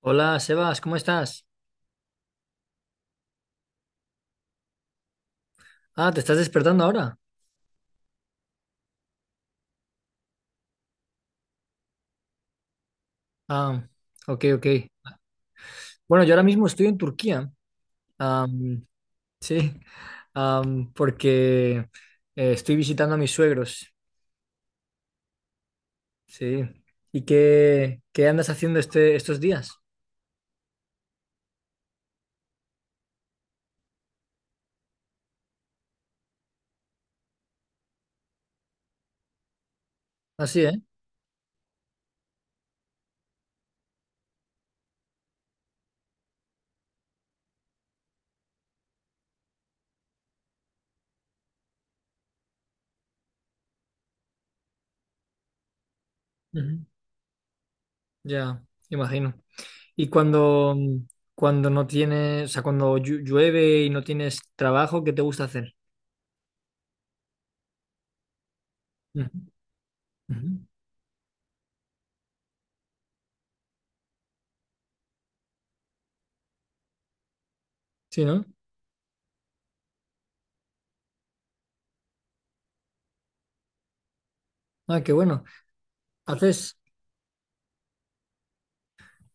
Hola, Sebas, ¿cómo estás? Ah, ¿te estás despertando ahora? Ah, ok, ok. Bueno, yo ahora mismo estoy en Turquía. Am, sí, porque estoy visitando a mis suegros. Sí. ¿Y qué andas haciendo estos días? Así, ¿eh? Ujú, ya, imagino. Y cuando no tienes, o sea, cuando llueve y no tienes trabajo, ¿qué te gusta hacer? Ujú, ujú. Sí, ¿no? Ah, qué bueno. ¿Haces?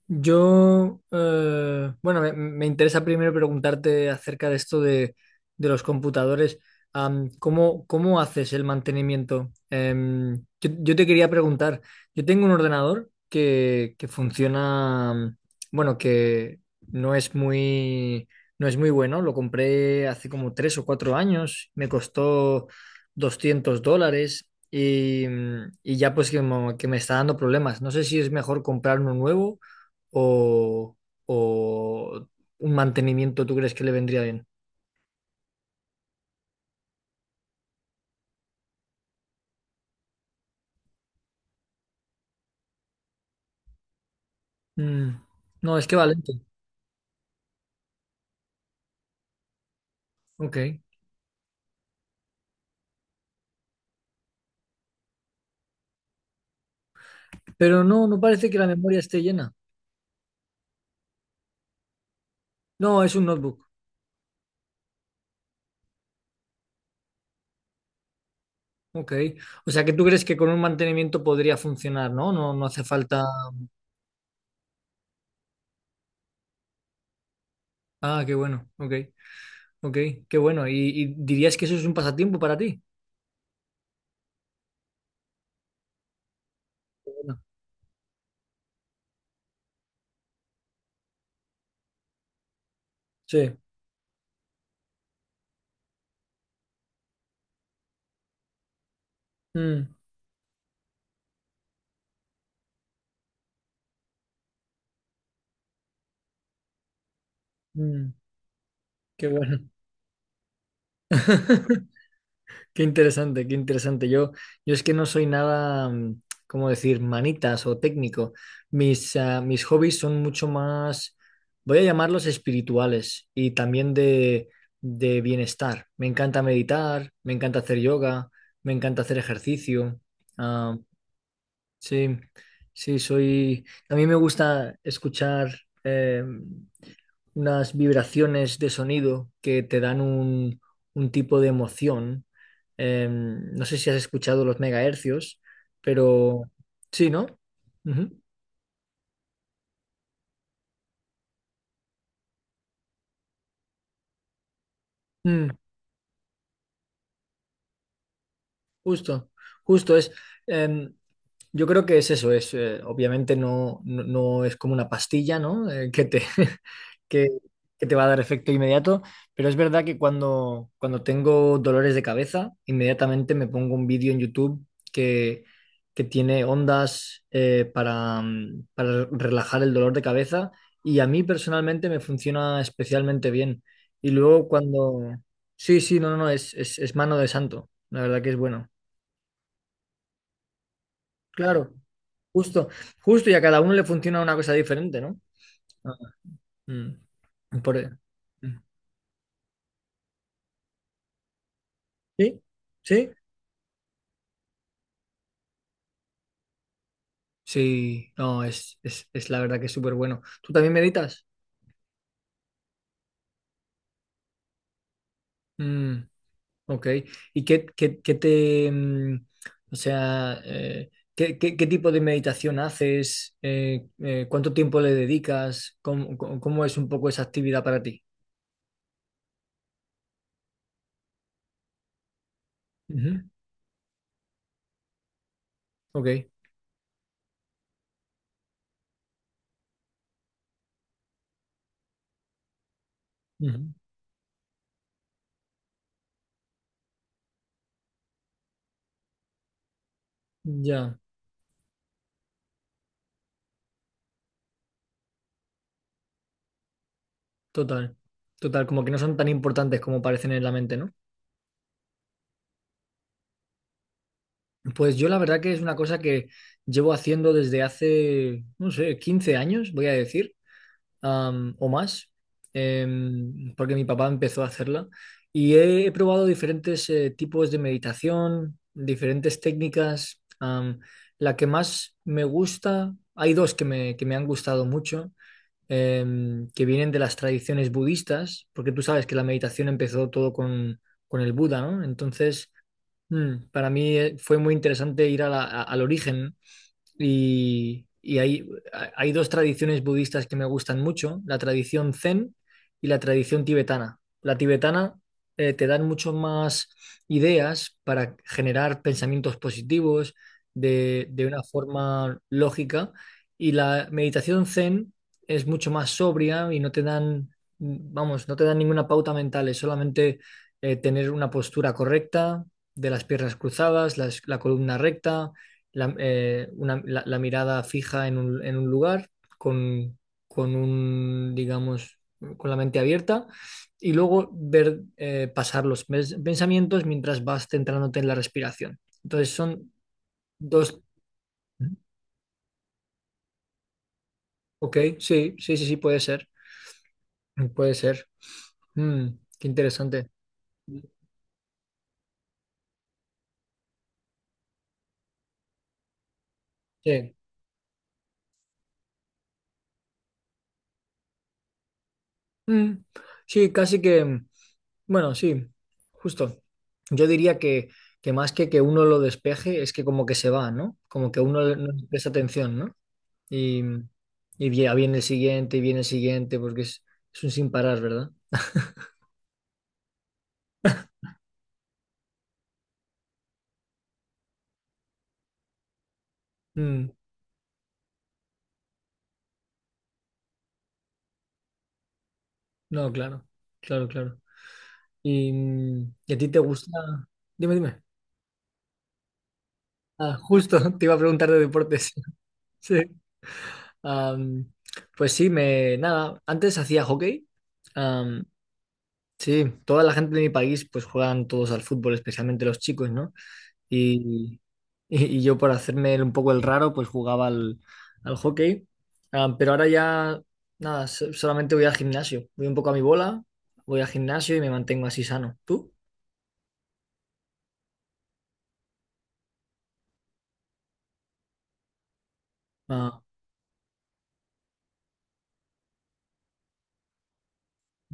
Yo, bueno, me interesa primero preguntarte acerca de esto de los computadores. ¿Cómo ¿cómo, haces el mantenimiento? Yo te quería preguntar, yo tengo un ordenador que funciona, bueno, que no es muy, no es muy bueno. Lo compré hace como 3 o 4 años, me costó $200. Y ya pues que me está dando problemas. No sé si es mejor comprar uno nuevo o, o un mantenimiento tú crees que le vendría bien? Mm. No, es que va lento. Ok. Pero no parece que la memoria esté llena. No, es un notebook. Ok. O sea que tú crees que con un mantenimiento podría funcionar, ¿no? No hace falta. Ah, qué bueno. Ok. Ok, qué bueno. ¿Y dirías que eso es un pasatiempo para ti? Bueno, sí. Mm, mm, qué bueno. Qué interesante, qué interesante. Yo es que no soy nada, ¿cómo decir?, manitas o técnico. Mis hobbies son mucho más, voy a llamarlos espirituales y también de bienestar. Me encanta meditar, me encanta hacer yoga, me encanta hacer ejercicio. Ah, sí, sí, soy. A mí me gusta escuchar eh, unas vibraciones de sonido que te dan un tipo de emoción. No sé si has escuchado los megahercios, pero sí, ¿no? Ujú. Mm, justo, justo es. eh, Yo creo que es eso, es obviamente no es como una pastilla, ¿no? Que te, que, que te va a dar efecto inmediato, pero es verdad que cuando tengo dolores de cabeza, inmediatamente me pongo un vídeo en YouTube que, que tiene ondas para, para relajar el dolor de cabeza y a mí personalmente me funciona especialmente bien. Y luego cuando... Sí, sí, no, no, no, es mano de santo, la verdad que es bueno. Claro. Justo, justo, y a cada uno le funciona una cosa diferente, ¿no? Ah, mm, por- mm. ¿Sí? ¿Sí? Sí, no, es la verdad que es súper bueno. ¿Tú también meditas? Mm, ok. ¿Y qué te, o sea, qué tipo de meditación haces? ¿Cuánto tiempo le dedicas? ¿Cómo cómo- es un poco esa actividad para ti? Ujú, ok. Ujú, ya, total, total, como que no son tan importantes como parecen en la mente, ¿no? Pues yo la verdad que es una cosa que llevo haciendo desde hace, no sé, 15 años, voy a decir, o más, porque mi papá empezó a hacerla. Y he probado diferentes tipos de meditación, diferentes técnicas. La que más me gusta, hay dos que me han gustado mucho, que vienen de las tradiciones budistas, porque tú sabes que la meditación empezó todo con el Buda, ¿no? Entonces... Para mí fue muy interesante ir a al origen, ¿no? Y hay dos tradiciones budistas que me gustan mucho, la tradición zen y la tradición tibetana. La tibetana te dan mucho más ideas para generar pensamientos positivos de una forma lógica y la meditación zen es mucho más sobria y no te dan, vamos, no te dan ninguna pauta mental, es solamente tener una postura correcta de las piernas cruzadas, la columna recta la mirada fija en en un lugar, con, digamos, con la mente abierta, y luego ver pasar los pensamientos mientras vas centrándote en la respiración. Entonces son dos, ok, sí, sí, sí, sí, puede ser, puede ser. Mm, qué interesante. Sí. Mm, sí, casi que... Bueno, sí, justo. Yo diría que más que uno lo despeje, es que como que se va, ¿no? Como que uno no le presta atención, ¿no? Y, y viene el siguiente, y viene el siguiente, porque es un sin parar, ¿verdad? Mm, no, claro, claro, claro. ¿Y a ti te gusta? Dime, dime. Ah, justo, te iba a preguntar de deportes. Sí. Am, pues sí, nada, antes hacía hockey. Sí, toda la gente de mi país pues juegan todos al fútbol, especialmente los chicos, ¿no? Y, y yo por hacerme un poco el raro pues jugaba al, al hockey. Ah, pero ahora ya nada, solamente voy al gimnasio, voy un poco a mi bola, voy al gimnasio y me mantengo así sano. ¿Tú? Ah,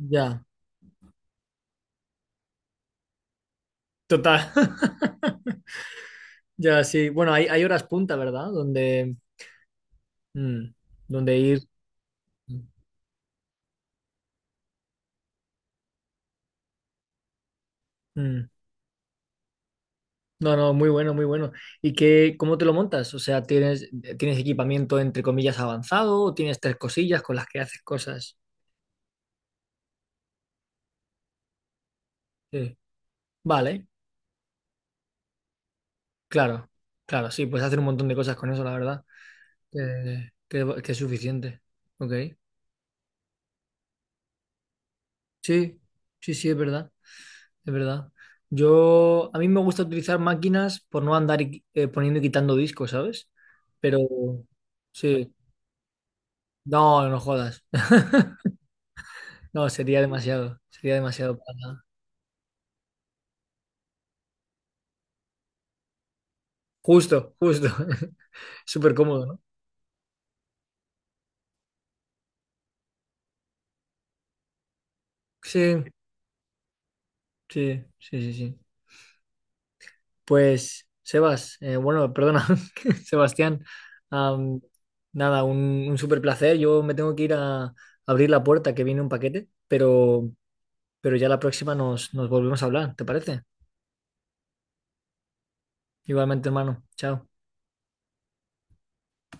ya, total. Ya, sí. Bueno, hay horas punta, ¿verdad? Donde, mm, donde ir. Mm. Mm. No, no, muy bueno, muy bueno. ¿Y cómo te lo montas? O sea, tienes equipamiento entre comillas avanzado o tienes tres cosillas con las que haces cosas? Sí. Vale, claro, claro, sí, puedes hacer un montón de cosas con eso, la verdad, que es suficiente. Ok, sí, sí, sí, es verdad, es verdad. A mí me gusta utilizar máquinas por no andar poniendo y quitando discos, ¿sabes? Pero, sí, no, no jodas. No, sería demasiado para nada. Justo, justo. Súper cómodo, ¿no? Sí, sí, sí, sí, sí. Pues, Sebas, bueno, perdona, Sebastián, am, nada, un súper placer. Yo me tengo que ir a abrir la puerta que viene un paquete, pero ya la próxima nos volvemos a hablar, ¿te parece? Igualmente, hermano. Chao.